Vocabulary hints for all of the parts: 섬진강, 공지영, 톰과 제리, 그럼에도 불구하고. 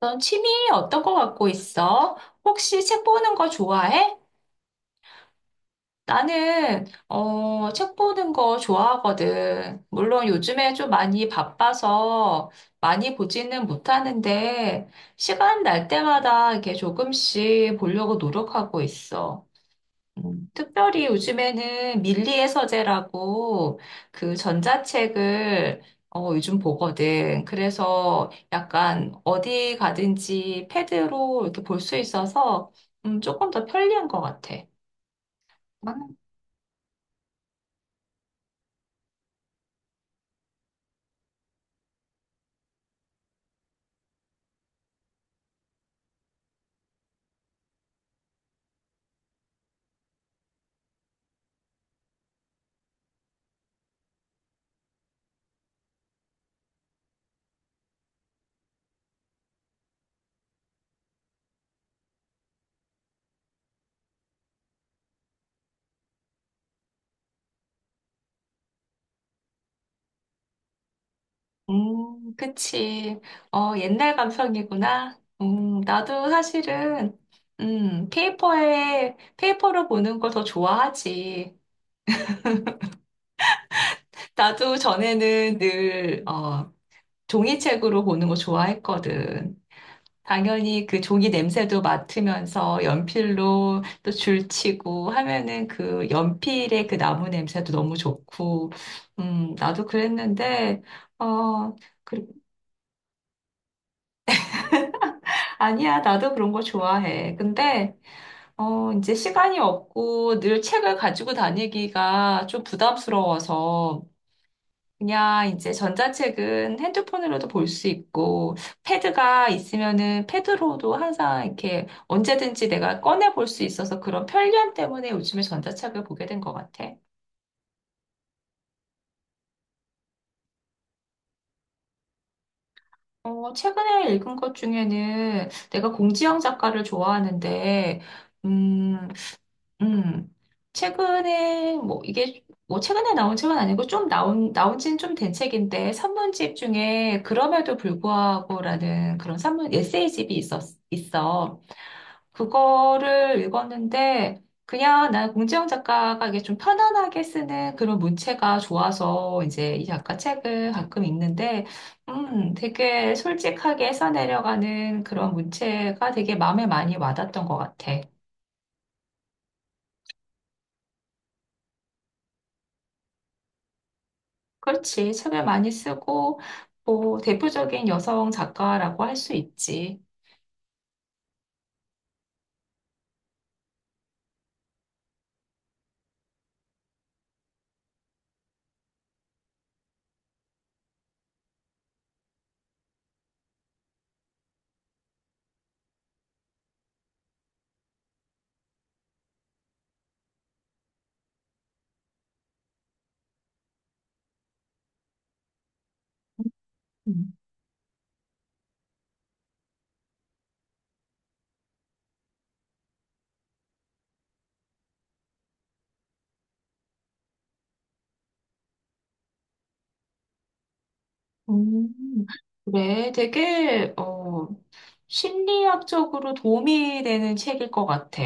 넌 취미 어떤 거 갖고 있어? 혹시 책 보는 거 좋아해? 나는, 책 보는 거 좋아하거든. 물론 요즘에 좀 많이 바빠서 많이 보지는 못하는데, 시간 날 때마다 이렇게 조금씩 보려고 노력하고 있어. 특별히 요즘에는 밀리의 서재라고 그 전자책을 요즘 보거든. 그래서 약간 어디 가든지 패드로 이렇게 볼 수 있어서 조금 더 편리한 것 같아. 그치. 옛날 감성이구나. 나도 사실은 페이퍼에 페이퍼로 보는 걸 더 좋아하지. 나도 전에는 늘 종이책으로 보는 거 좋아했거든. 당연히 그 종이 냄새도 맡으면서 연필로 또 줄치고 하면은 그 연필의 그 나무 냄새도 너무 좋고, 나도 그랬는데, 어, 그- 아니야, 나도 그런 거 좋아해. 근데, 이제 시간이 없고 늘 책을 가지고 다니기가 좀 부담스러워서, 그냥 이제 전자책은 핸드폰으로도 볼 수 있고, 패드가 있으면은 패드로도 항상 이렇게 언제든지 내가 꺼내 볼 수 있어서 그런 편리함 때문에 요즘에 전자책을 보게 된 것 같아. 최근에 읽은 것 중에는 내가 공지영 작가를 좋아하는데, 음, 음, 최근에, 뭐, 이게, 뭐, 최근에 나온 책은 아니고, 좀 나온 지는 좀 된 책인데, 산문집 중에, 그럼에도 불구하고라는 그런 산문, 에세이집이 있어. 그거를 읽었는데, 그냥 난 공지영 작가가 이게 좀 편안하게 쓰는 그런 문체가 좋아서, 이제 이 작가 책을 가끔 읽는데, 되게 솔직하게 써내려가는 그런 문체가 되게 마음에 많이 와닿던 것 같아. 그렇지. 책을 많이 쓰고, 뭐, 대표적인 여성 작가라고 할 수 있지. 음. 음, 그래. 되게, 심리학적으로 도움이 되는 책일 것 같아.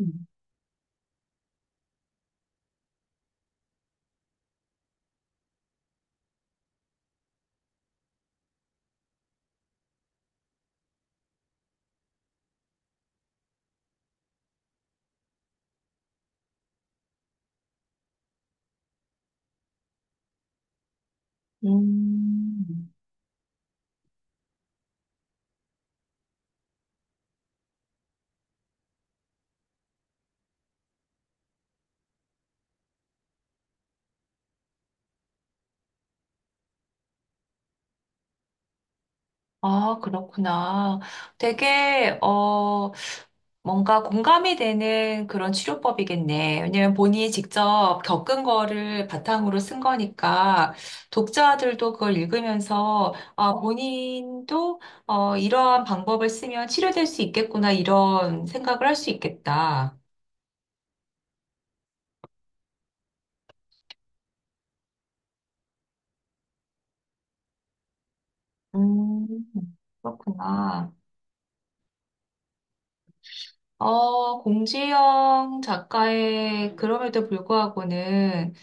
음. 음. 아, 그렇구나. 되게, 뭔가 공감이 되는 그런 치료법이겠네. 왜냐면 본인이 직접 겪은 거를 바탕으로 쓴 거니까 독자들도 그걸 읽으면서 아, 본인도 이러한 방법을 쓰면 치료될 수 있겠구나 이런 생각을 할 수 있겠다. 음, 그렇구나. 공지영 작가의 그럼에도 불구하고는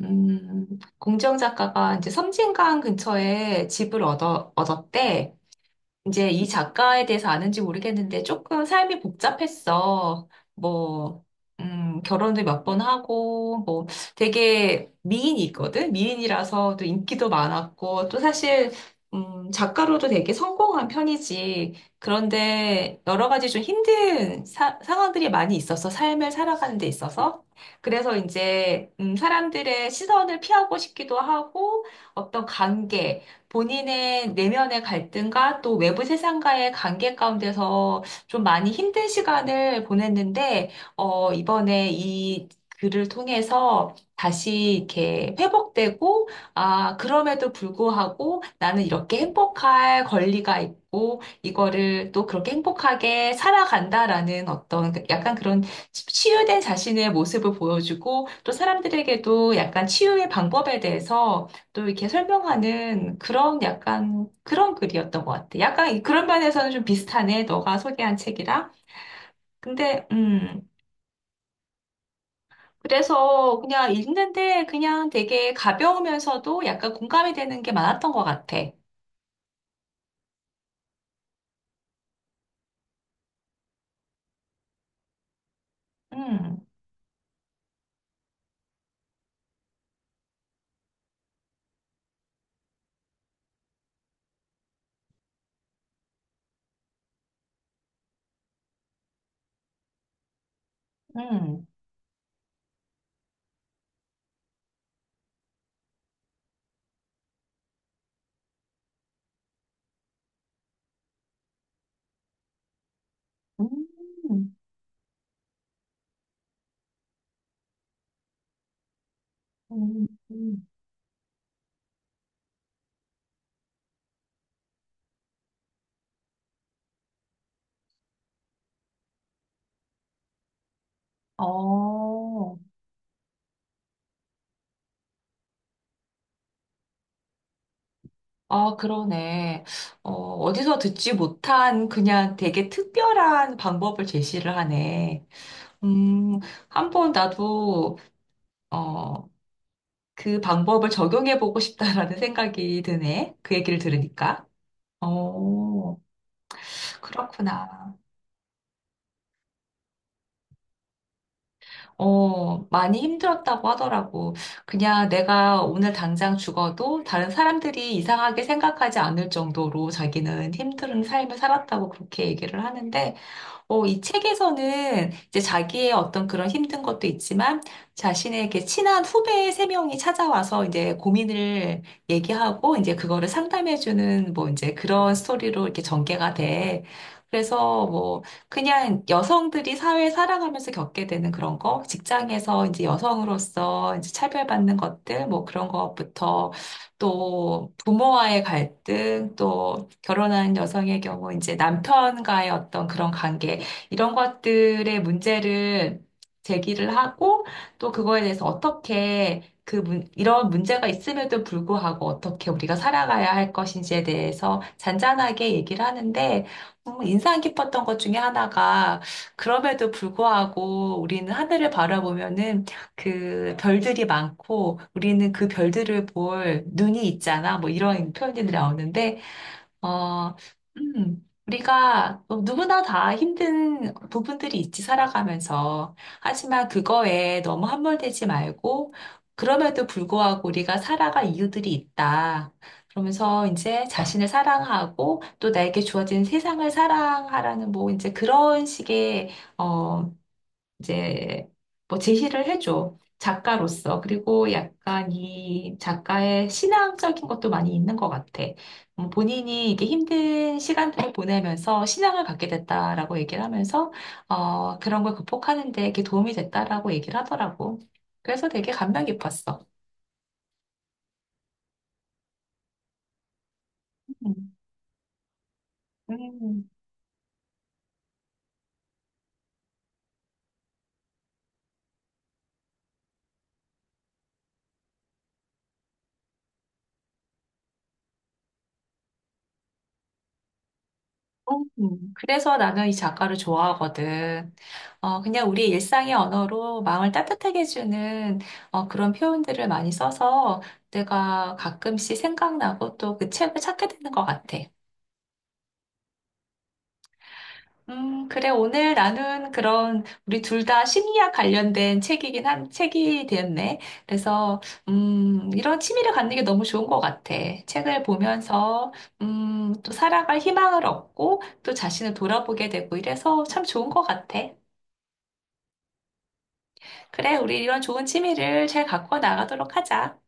음, 공정 작가가 이제 섬진강 근처에 집을 얻었대. 이제 이 작가에 대해서 아는지 모르겠는데 조금 삶이 복잡했어. 뭐, 결혼도 몇 번 하고, 뭐, 되게 미인이거든? 미인이라서 또 인기도 많았고, 또 사실, 작가로도 되게 성공한 편이지. 그런데 여러 가지 좀 힘든 상황들이 많이 있어서 삶을 살아가는 데 있어서. 그래서 이제, 사람들의 시선을 피하고 싶기도 하고, 어떤 관계, 본인의 내면의 갈등과 또 외부 세상과의 관계 가운데서 좀 많이 힘든 시간을 보냈는데, 이번에 이 글을 통해서 다시 이렇게 회복되고, 아, 그럼에도 불구하고 나는 이렇게 행복할 권리가 있고, 이거를 또 그렇게 행복하게 살아간다라는 어떤 그 약간 그런 치유된 자신의 모습을 보여주고, 또 사람들에게도 약간 치유의 방법에 대해서 또 이렇게 설명하는 그런 약간 그런 글이었던 것 같아. 약간 그런 면에서는 좀 비슷하네. 너가 소개한 책이랑. 근데 그래서 그냥 읽는데 그냥 되게 가벼우면서도 약간 공감이 되는 게 많았던 것 같아. 음, 음, 음, 음, 음. 어, 아, 그러네. 어디서 듣지 못한 그냥 되게 특별한 방법을 제시를 하네. 음, 한번 나도 어, 그 방법을 적용해보고 싶다라는 생각이 드네. 그 얘기를 들으니까. 어, 그렇구나. 많이 힘들었다고 하더라고. 그냥 내가 오늘 당장 죽어도 다른 사람들이 이상하게 생각하지 않을 정도로 자기는 힘든 삶을 살았다고 그렇게 얘기를 하는데, 이 책에서는 이제 자기의 어떤 그런 힘든 것도 있지만 자신에게 친한 후배 세 명이 찾아와서 이제 고민을 얘기하고 이제 그거를 상담해주는 뭐 이제 그런 스토리로 이렇게 전개가 돼. 그래서 뭐 그냥 여성들이 사회 살아가면서 겪게 되는 그런 거, 직장에서 이제 여성으로서 이제 차별받는 것들, 뭐 그런 것부터 또 부모와의 갈등, 또 결혼한 여성의 경우 이제 남편과의 어떤 그런 관계, 이런 것들의 문제를 제기를 하고 또 그거에 대해서 어떻게 그 이런 문제가 있음에도 불구하고 어떻게 우리가 살아가야 할 것인지에 대해서 잔잔하게 얘기를 하는데 인상 깊었던 것 중에 하나가 그럼에도 불구하고 우리는 하늘을 바라보면은 그 별들이 많고 우리는 그 별들을 볼 눈이 있잖아 뭐 이런 표현이 나오는데 어, 우리가 누구나 다 힘든 부분들이 있지, 살아가면서. 하지만 그거에 너무 함몰되지 말고, 그럼에도 불구하고 우리가 살아갈 이유들이 있다. 그러면서 이제 자신을 사랑하고 또 나에게 주어진 세상을 사랑하라는 뭐 이제 그런 식의, 어, 이제 뭐 제시를 해줘. 작가로서. 그리고 약간 이 작가의 신앙적인 것도 많이 있는 것 같아. 본인이 이게 힘든 시간들을 보내면서 신앙을 갖게 됐다라고 얘기를 하면서, 그런 걸 극복하는 데 이게 도움이 됐다라고 얘기를 하더라고. 그래서 되게 감명 깊었어. 음. 음. 그래서 나는 이 작가를 좋아하거든. 그냥 우리 일상의 언어로 마음을 따뜻하게 해주는 그런 표현들을 많이 써서 내가 가끔씩 생각나고 또 그 책을 찾게 되는 것 같아. 그래. 오늘 나눈 그런 우리 둘 다 심리학 관련된 책이긴 한 책이 되었네. 그래서 이런 취미를 갖는 게 너무 좋은 것 같아. 책을 보면서 또 살아갈 희망을 얻고 또 자신을 돌아보게 되고 이래서 참 좋은 것 같아. 그래, 우리 이런 좋은 취미를 잘 갖고 나가도록 하자.